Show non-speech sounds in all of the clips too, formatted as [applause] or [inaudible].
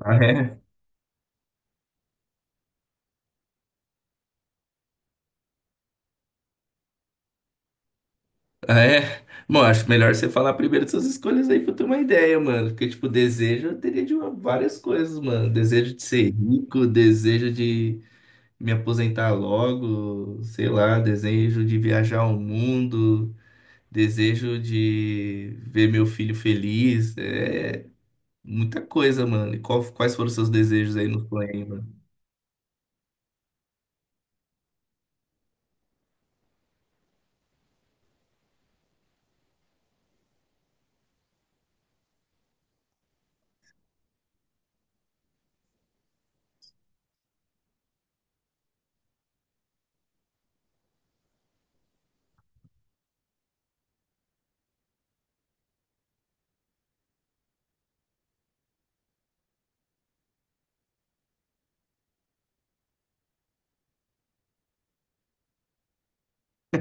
Ah, é? Ah, é? Bom, acho melhor você falar primeiro das suas escolhas aí pra eu ter uma ideia, mano. Porque, tipo, desejo eu teria de várias coisas, mano. Desejo de ser rico, desejo de me aposentar logo, sei lá, desejo de viajar ao mundo, desejo de ver meu filho feliz. É muita coisa, mano. E quais foram os seus desejos aí no sonho, aí, mano?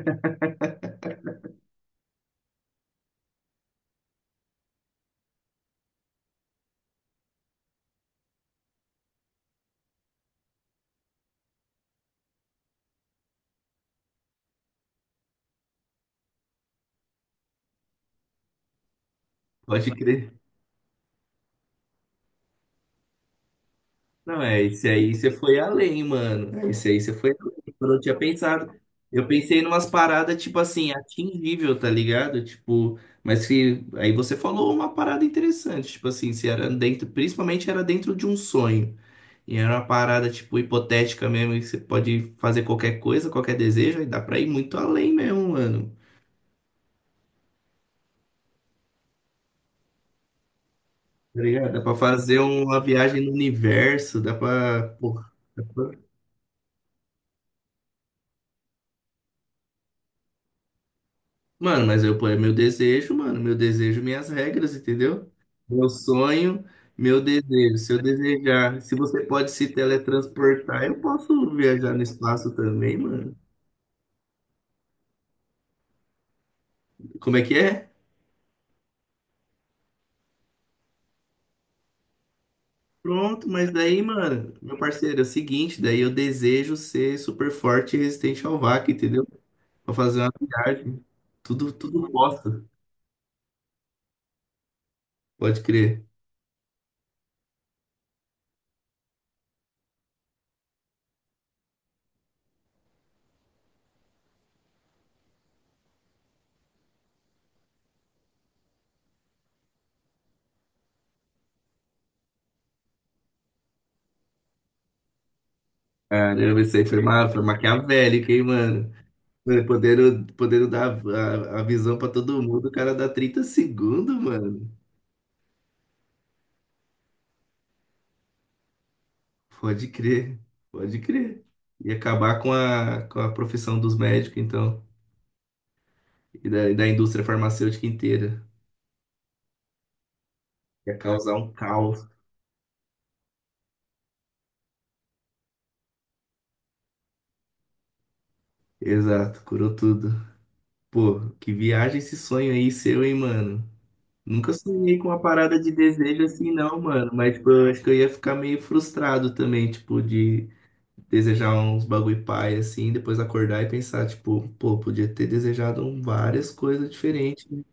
[laughs] Pode crer. Não, é, esse aí você foi além, mano. É, esse aí você foi além. Quando eu não tinha pensado, eu pensei em umas paradas, tipo assim, atingível, tá ligado? Tipo, mas que aí você falou uma parada interessante, tipo assim, se era dentro, principalmente era dentro de um sonho. E era uma parada, tipo, hipotética mesmo, que você pode fazer qualquer coisa, qualquer desejo, aí dá pra ir muito além mesmo, mano. Tá ligado? Dá pra fazer uma viagem no universo, dá pra. Porra. Mano, mas eu ponho meu desejo, mano, meu desejo, minhas regras, entendeu? Meu sonho, meu desejo. Se eu desejar, se você pode se teletransportar, eu posso viajar no espaço também, mano. Como é que é? Pronto, mas daí, mano, meu parceiro, é o seguinte, daí eu desejo ser super forte e resistente ao vácuo, entendeu? Pra fazer uma viagem. Tudo, tudo bosta, pode crer. Caramba, isso aí foi, ma foi maquiavélico, hein, mano? Mano, podendo dar a visão pra todo mundo, o cara dá 30 segundos, mano. Pode crer, pode crer. E acabar com a profissão dos médicos, então, e da indústria farmacêutica inteira. Ia causar um caos. Exato, curou tudo. Pô, que viagem esse sonho aí seu, hein, mano? Nunca sonhei com uma parada de desejo assim, não, mano. Mas, tipo, eu acho que eu ia ficar meio frustrado também, tipo, de desejar uns bagulho pai, assim, depois acordar e pensar, tipo, pô, podia ter desejado várias coisas diferentes, né?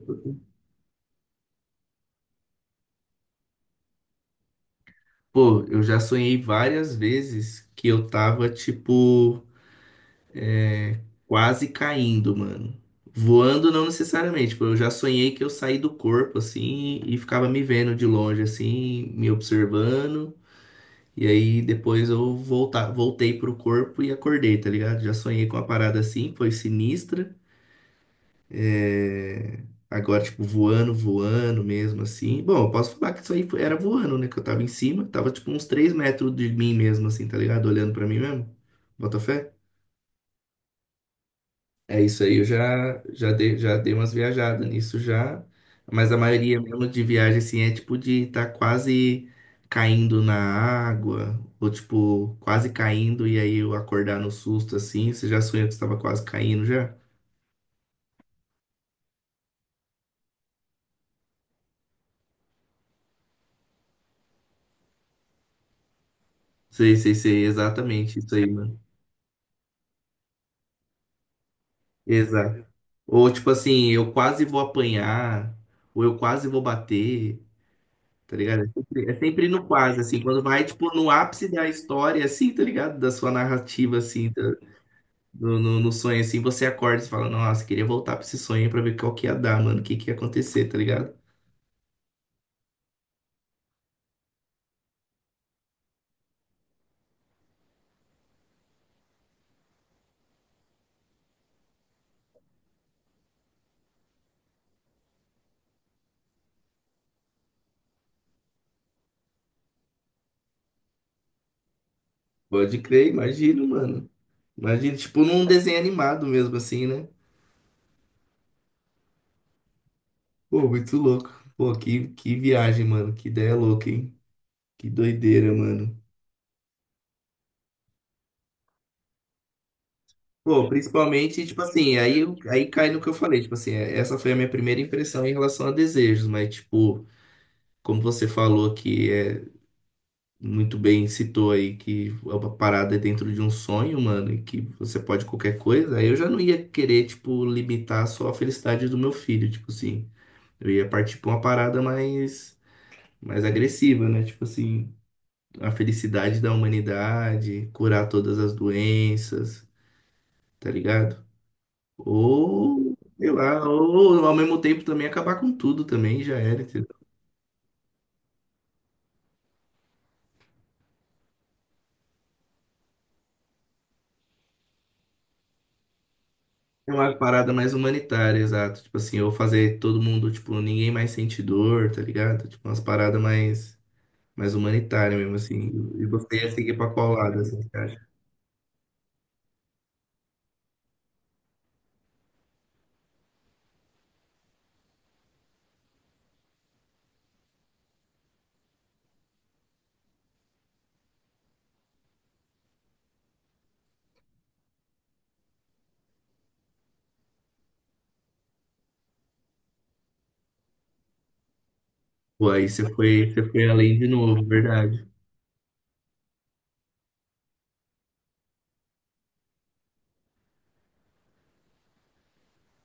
Pô, eu já sonhei várias vezes que eu tava, tipo, quase caindo, mano. Voando não necessariamente, tipo, eu já sonhei que eu saí do corpo, assim, e ficava me vendo de longe, assim, me observando. E aí depois eu voltar, voltei pro corpo e acordei, tá ligado? Já sonhei com uma parada assim, foi sinistra. É, agora, tipo, voando, voando mesmo, assim. Bom, eu posso falar que era voando, né? Que eu tava em cima, tava tipo uns 3 metros de mim mesmo, assim, tá ligado? Olhando pra mim mesmo. Bota fé? É isso aí, eu já dei umas viajadas nisso já. Mas a maioria mesmo de viagem, assim, é tipo de tá quase caindo na água, ou tipo, quase caindo e aí eu acordar no susto, assim. Você já sonhou que você tava quase caindo já? Sei, sei, sei, exatamente isso aí. Exato. Ou tipo assim, eu quase vou apanhar, ou eu quase vou bater, tá ligado? É sempre no quase, assim, quando vai, tipo, no ápice da história, assim, tá ligado? Da sua narrativa, assim, da- No sonho, assim, você acorda e fala, nossa, queria voltar pra esse sonho pra ver qual que ia dar, mano, o que que ia acontecer, tá ligado? Pode crer, imagino, mano. Imagina, tipo, num desenho animado mesmo, assim, né? Pô, muito louco. Pô, que viagem, mano, que ideia louca, hein? Que doideira, mano. Pô, principalmente, tipo assim, aí cai no que eu falei, tipo assim, essa foi a minha primeira impressão em relação a desejos, mas, tipo, como você falou que é muito bem citou aí que a parada é dentro de um sonho, mano, e que você pode qualquer coisa, aí eu já não ia querer, tipo, limitar só a felicidade do meu filho, tipo assim, eu ia partir pra uma parada mais agressiva, né? Tipo assim, a felicidade da humanidade, curar todas as doenças, tá ligado? Ou, sei lá, ou ao mesmo tempo também acabar com tudo também, já era, entendeu? É uma parada mais humanitária, exato. Tipo assim, ou fazer todo mundo, tipo, ninguém mais sente dor, tá ligado? Tipo, umas paradas mais, mais humanitárias mesmo, assim. E você ia seguir pra qual lado, assim, você acha? Pô, aí você foi além de novo, verdade.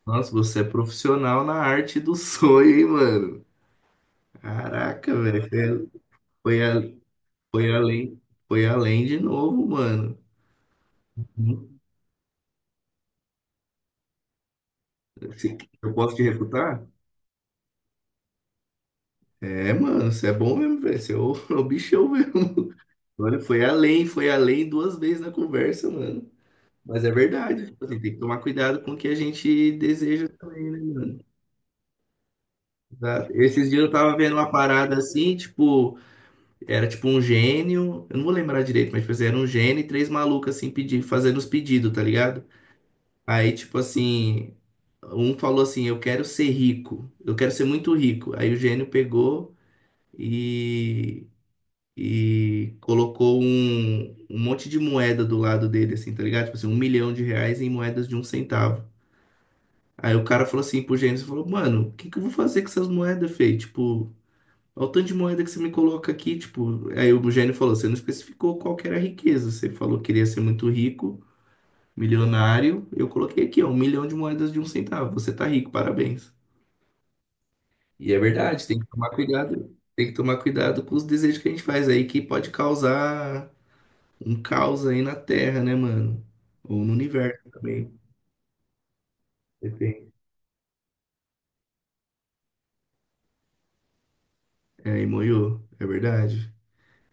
Nossa, você é profissional na arte do sonho, hein, mano? Caraca, velho. Você é, foi, foi além, foi além de novo, mano. Se- Eu posso te refutar? É, mano, você é bom mesmo, velho. Você é o, [laughs] é o bichão mesmo. Olha, foi além duas vezes na conversa, mano. Mas é verdade. Tipo assim, tem que tomar cuidado com o que a gente deseja também, né, mano? Exato. Esses dias eu tava vendo uma parada assim, tipo, era tipo um gênio. Eu não vou lembrar direito, mas tipo, assim, era um gênio e três malucos assim pedindo, fazendo os pedidos, tá ligado? Aí, tipo assim, um falou assim, eu quero ser rico, eu quero ser muito rico. Aí o gênio pegou. E e colocou um, um monte de moeda do lado dele, assim, tá ligado? Tipo assim, um milhão de reais em moedas de um centavo. Aí o cara falou assim pro Gênesis, falou, mano, o que que eu vou fazer com essas moedas, Fê? Tipo, olha o tanto de moeda que você me coloca aqui, tipo... Aí o Gênio falou, você não especificou qual que era a riqueza, você falou que queria ser muito rico, milionário, eu coloquei aqui, ó, um milhão de moedas de um centavo, você tá rico, parabéns. E é verdade, tem que tomar cuidado, tem que tomar cuidado com os desejos que a gente faz aí, que pode causar um caos aí na Terra, né, mano? Ou no universo também. Depende. É, aí moiou. É verdade.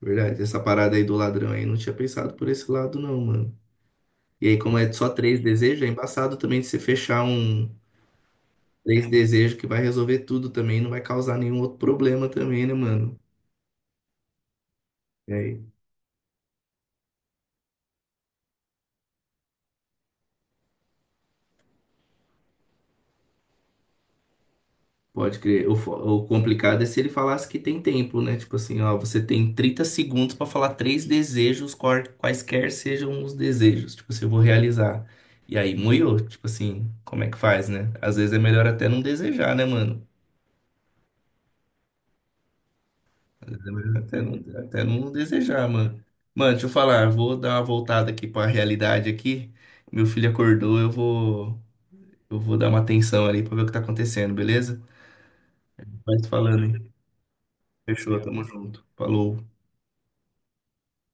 É verdade. Essa parada aí do ladrão aí, não tinha pensado por esse lado, não, mano. E aí, como é só três desejos, é embaçado também de você fechar um três desejos que vai resolver tudo também, não vai causar nenhum outro problema também, né, mano? É. Pode crer. O, o complicado é se ele falasse que tem tempo, né? Tipo assim, ó, você tem 30 segundos pra falar três desejos, quaisquer sejam os desejos. Tipo assim, eu vou realizar. E aí, moiou. Tipo assim, como é que faz, né? Às vezes é melhor até não desejar, né, mano? Às vezes é melhor até não desejar, mano. Mano, deixa eu falar, eu vou dar uma voltada aqui pra realidade aqui. Meu filho acordou, eu vou dar uma atenção ali pra ver o que tá acontecendo, beleza? Vai se falando, hein? Fechou, tamo junto. Falou.